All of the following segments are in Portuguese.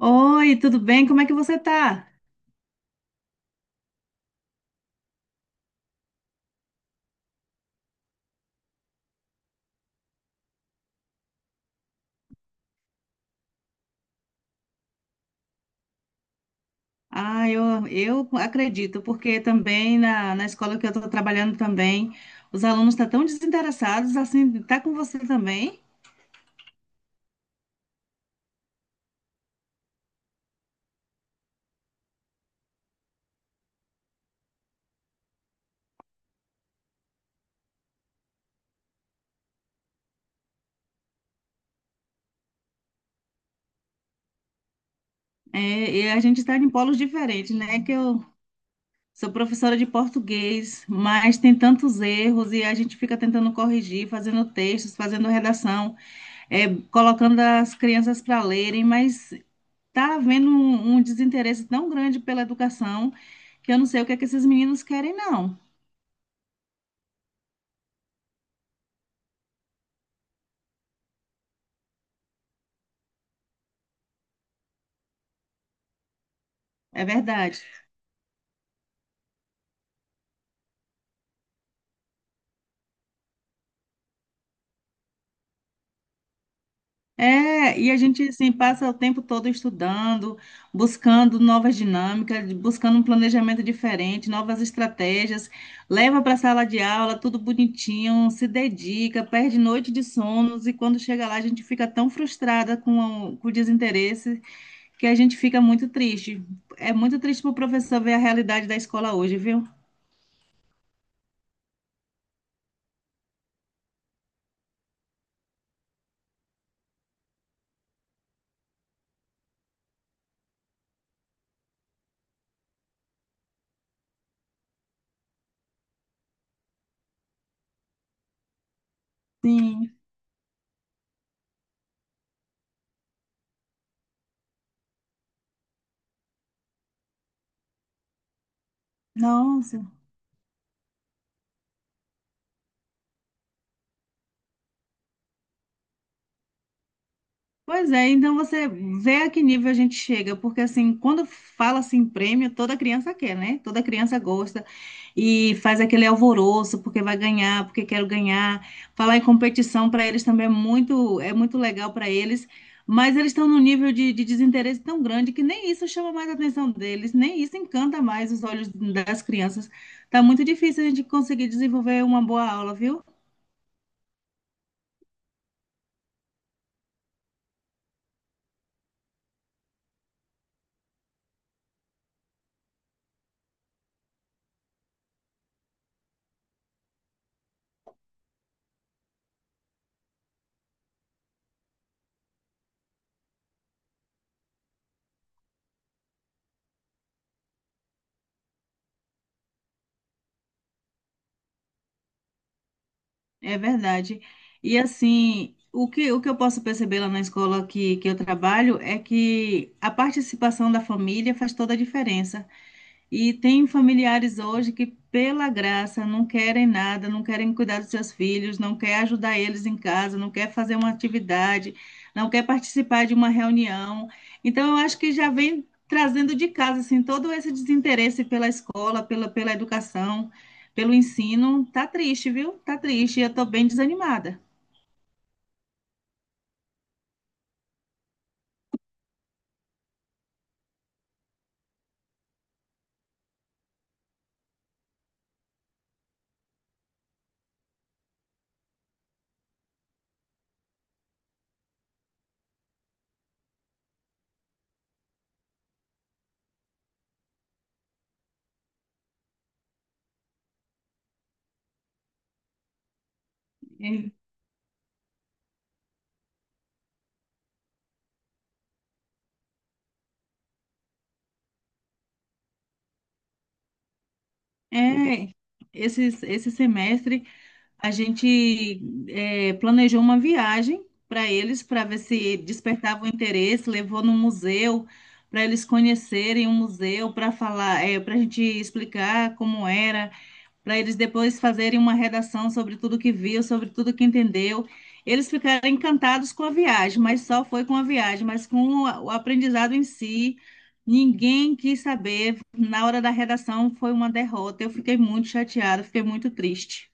Oi, tudo bem? Como é que você tá? Ah, eu acredito, porque também na escola que eu estou trabalhando também, os alunos estão tão desinteressados, assim, tá com você também. É, e a gente está em polos diferentes, né? Que eu sou professora de português, mas tem tantos erros e a gente fica tentando corrigir, fazendo textos, fazendo redação. É, colocando as crianças para lerem, mas tá havendo um desinteresse tão grande pela educação que eu não sei o que é que esses meninos querem, não. É verdade. É, e a gente assim passa o tempo todo estudando, buscando novas dinâmicas, buscando um planejamento diferente, novas estratégias, leva para a sala de aula, tudo bonitinho, se dedica, perde noite de sonos e quando chega lá a gente fica tão frustrada com o desinteresse, que a gente fica muito triste. É muito triste para o professor ver a realidade da escola hoje, viu? Sim. Nossa. Pois é, então você vê a que nível a gente chega, porque assim, quando fala assim prêmio, toda criança quer, né? Toda criança gosta e faz aquele alvoroço porque vai ganhar, porque quero ganhar. Falar em competição para eles também é muito legal para eles, mas eles estão num nível de desinteresse tão grande, que nem isso chama mais a atenção deles, nem isso encanta mais os olhos das crianças. Tá muito difícil a gente conseguir desenvolver uma boa aula, viu? É verdade. E assim, o que eu posso perceber lá na escola que eu trabalho é que a participação da família faz toda a diferença. E tem familiares hoje que, pela graça, não querem nada, não querem cuidar dos seus filhos, não quer ajudar eles em casa, não quer fazer uma atividade, não quer participar de uma reunião. Então, eu acho que já vem trazendo de casa assim todo esse desinteresse pela escola, pela educação, pelo ensino. Tá triste, viu? Tá triste. Eu estou bem desanimada. É, é, esse semestre a gente planejou uma viagem para eles, para ver se despertava o interesse, levou no museu, para eles conhecerem o museu, para falar, para a gente explicar como era, para eles depois fazerem uma redação sobre tudo que viu, sobre tudo que entendeu. Eles ficaram encantados com a viagem, mas só foi com a viagem, mas com o aprendizado em si, ninguém quis saber. Na hora da redação foi uma derrota. Eu fiquei muito chateada, fiquei muito triste.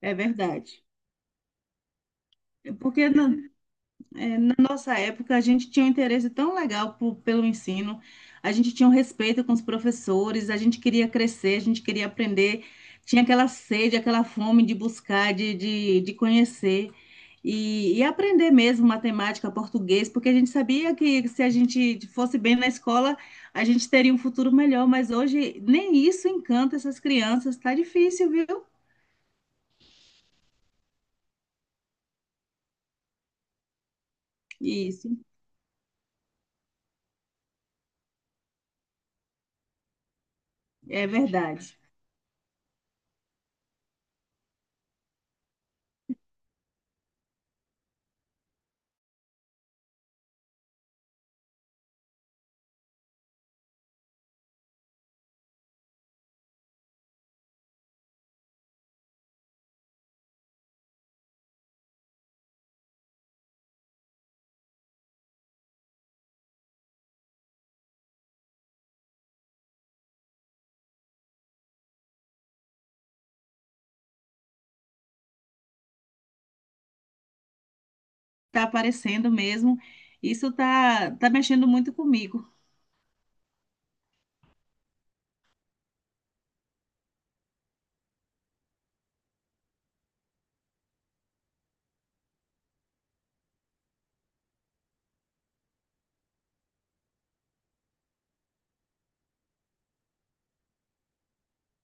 É verdade. Porque na nossa época a gente tinha um interesse tão legal pelo ensino, a gente tinha um respeito com os professores, a gente queria crescer, a gente queria aprender, tinha aquela sede, aquela fome de buscar, de conhecer e aprender mesmo matemática, português, porque a gente sabia que se a gente fosse bem na escola, a gente teria um futuro melhor, mas hoje nem isso encanta essas crianças, tá difícil, viu? Isso, é verdade. Tá aparecendo mesmo. Isso tá mexendo muito comigo.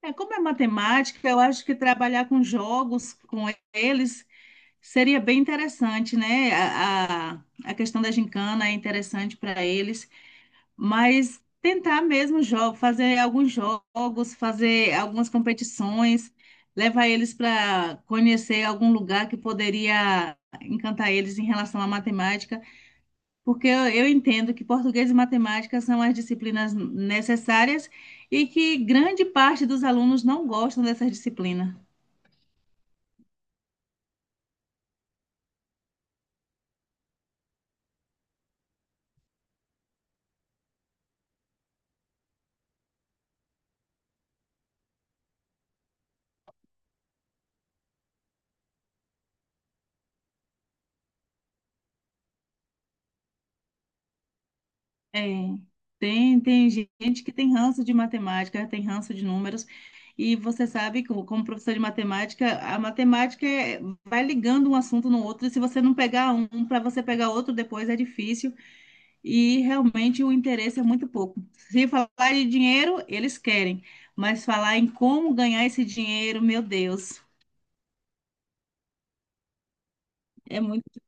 É, como é matemática, eu acho que trabalhar com jogos, com eles, seria bem interessante, né? A questão da gincana é interessante para eles, mas tentar mesmo jogo, fazer alguns jogos, fazer algumas competições, levar eles para conhecer algum lugar que poderia encantar eles em relação à matemática. Porque eu entendo que português e matemática são as disciplinas necessárias e que grande parte dos alunos não gostam dessa disciplina. É, tem gente que tem ranço de matemática, tem ranço de números, e você sabe, como professor de matemática, a matemática vai ligando um assunto no outro, e se você não pegar um para você pegar outro depois é difícil. E realmente o interesse é muito pouco. Se falar de dinheiro, eles querem, mas falar em como ganhar esse dinheiro, meu Deus, é muito,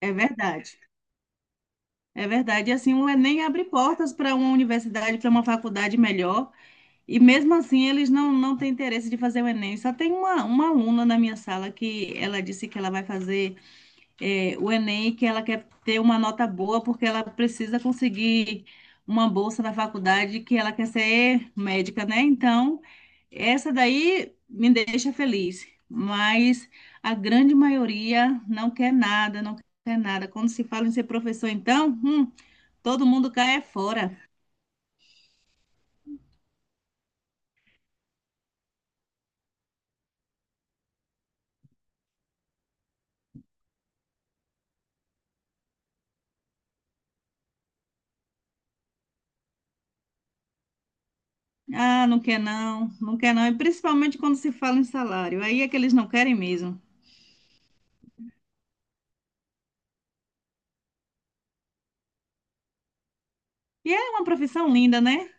é verdade. É verdade, e assim, o Enem abre portas para uma universidade, para uma faculdade melhor, e mesmo assim eles não têm interesse de fazer o Enem. Só tem uma aluna na minha sala que ela disse que ela vai fazer o Enem, que ela quer ter uma nota boa, porque ela precisa conseguir uma bolsa na faculdade, que ela quer ser médica, né? Então, essa daí me deixa feliz, mas a grande maioria não quer nada, não quer nada. Quando se fala em ser professor, então, todo mundo cai é fora. Ah, não quer não, não quer não. E principalmente quando se fala em salário, aí é que eles não querem mesmo. E é uma profissão linda, né?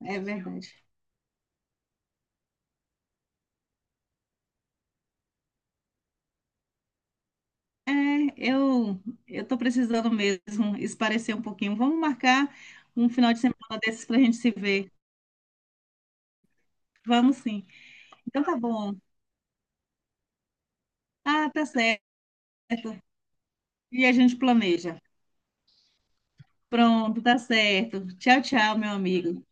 É verdade. É, eu eu tô precisando mesmo esparecer um pouquinho. Vamos marcar um final de semana desses para a gente se ver. Vamos sim. Então tá bom. Ah, tá certo. E a gente planeja. Pronto, tá certo. Tchau, tchau, meu amigo.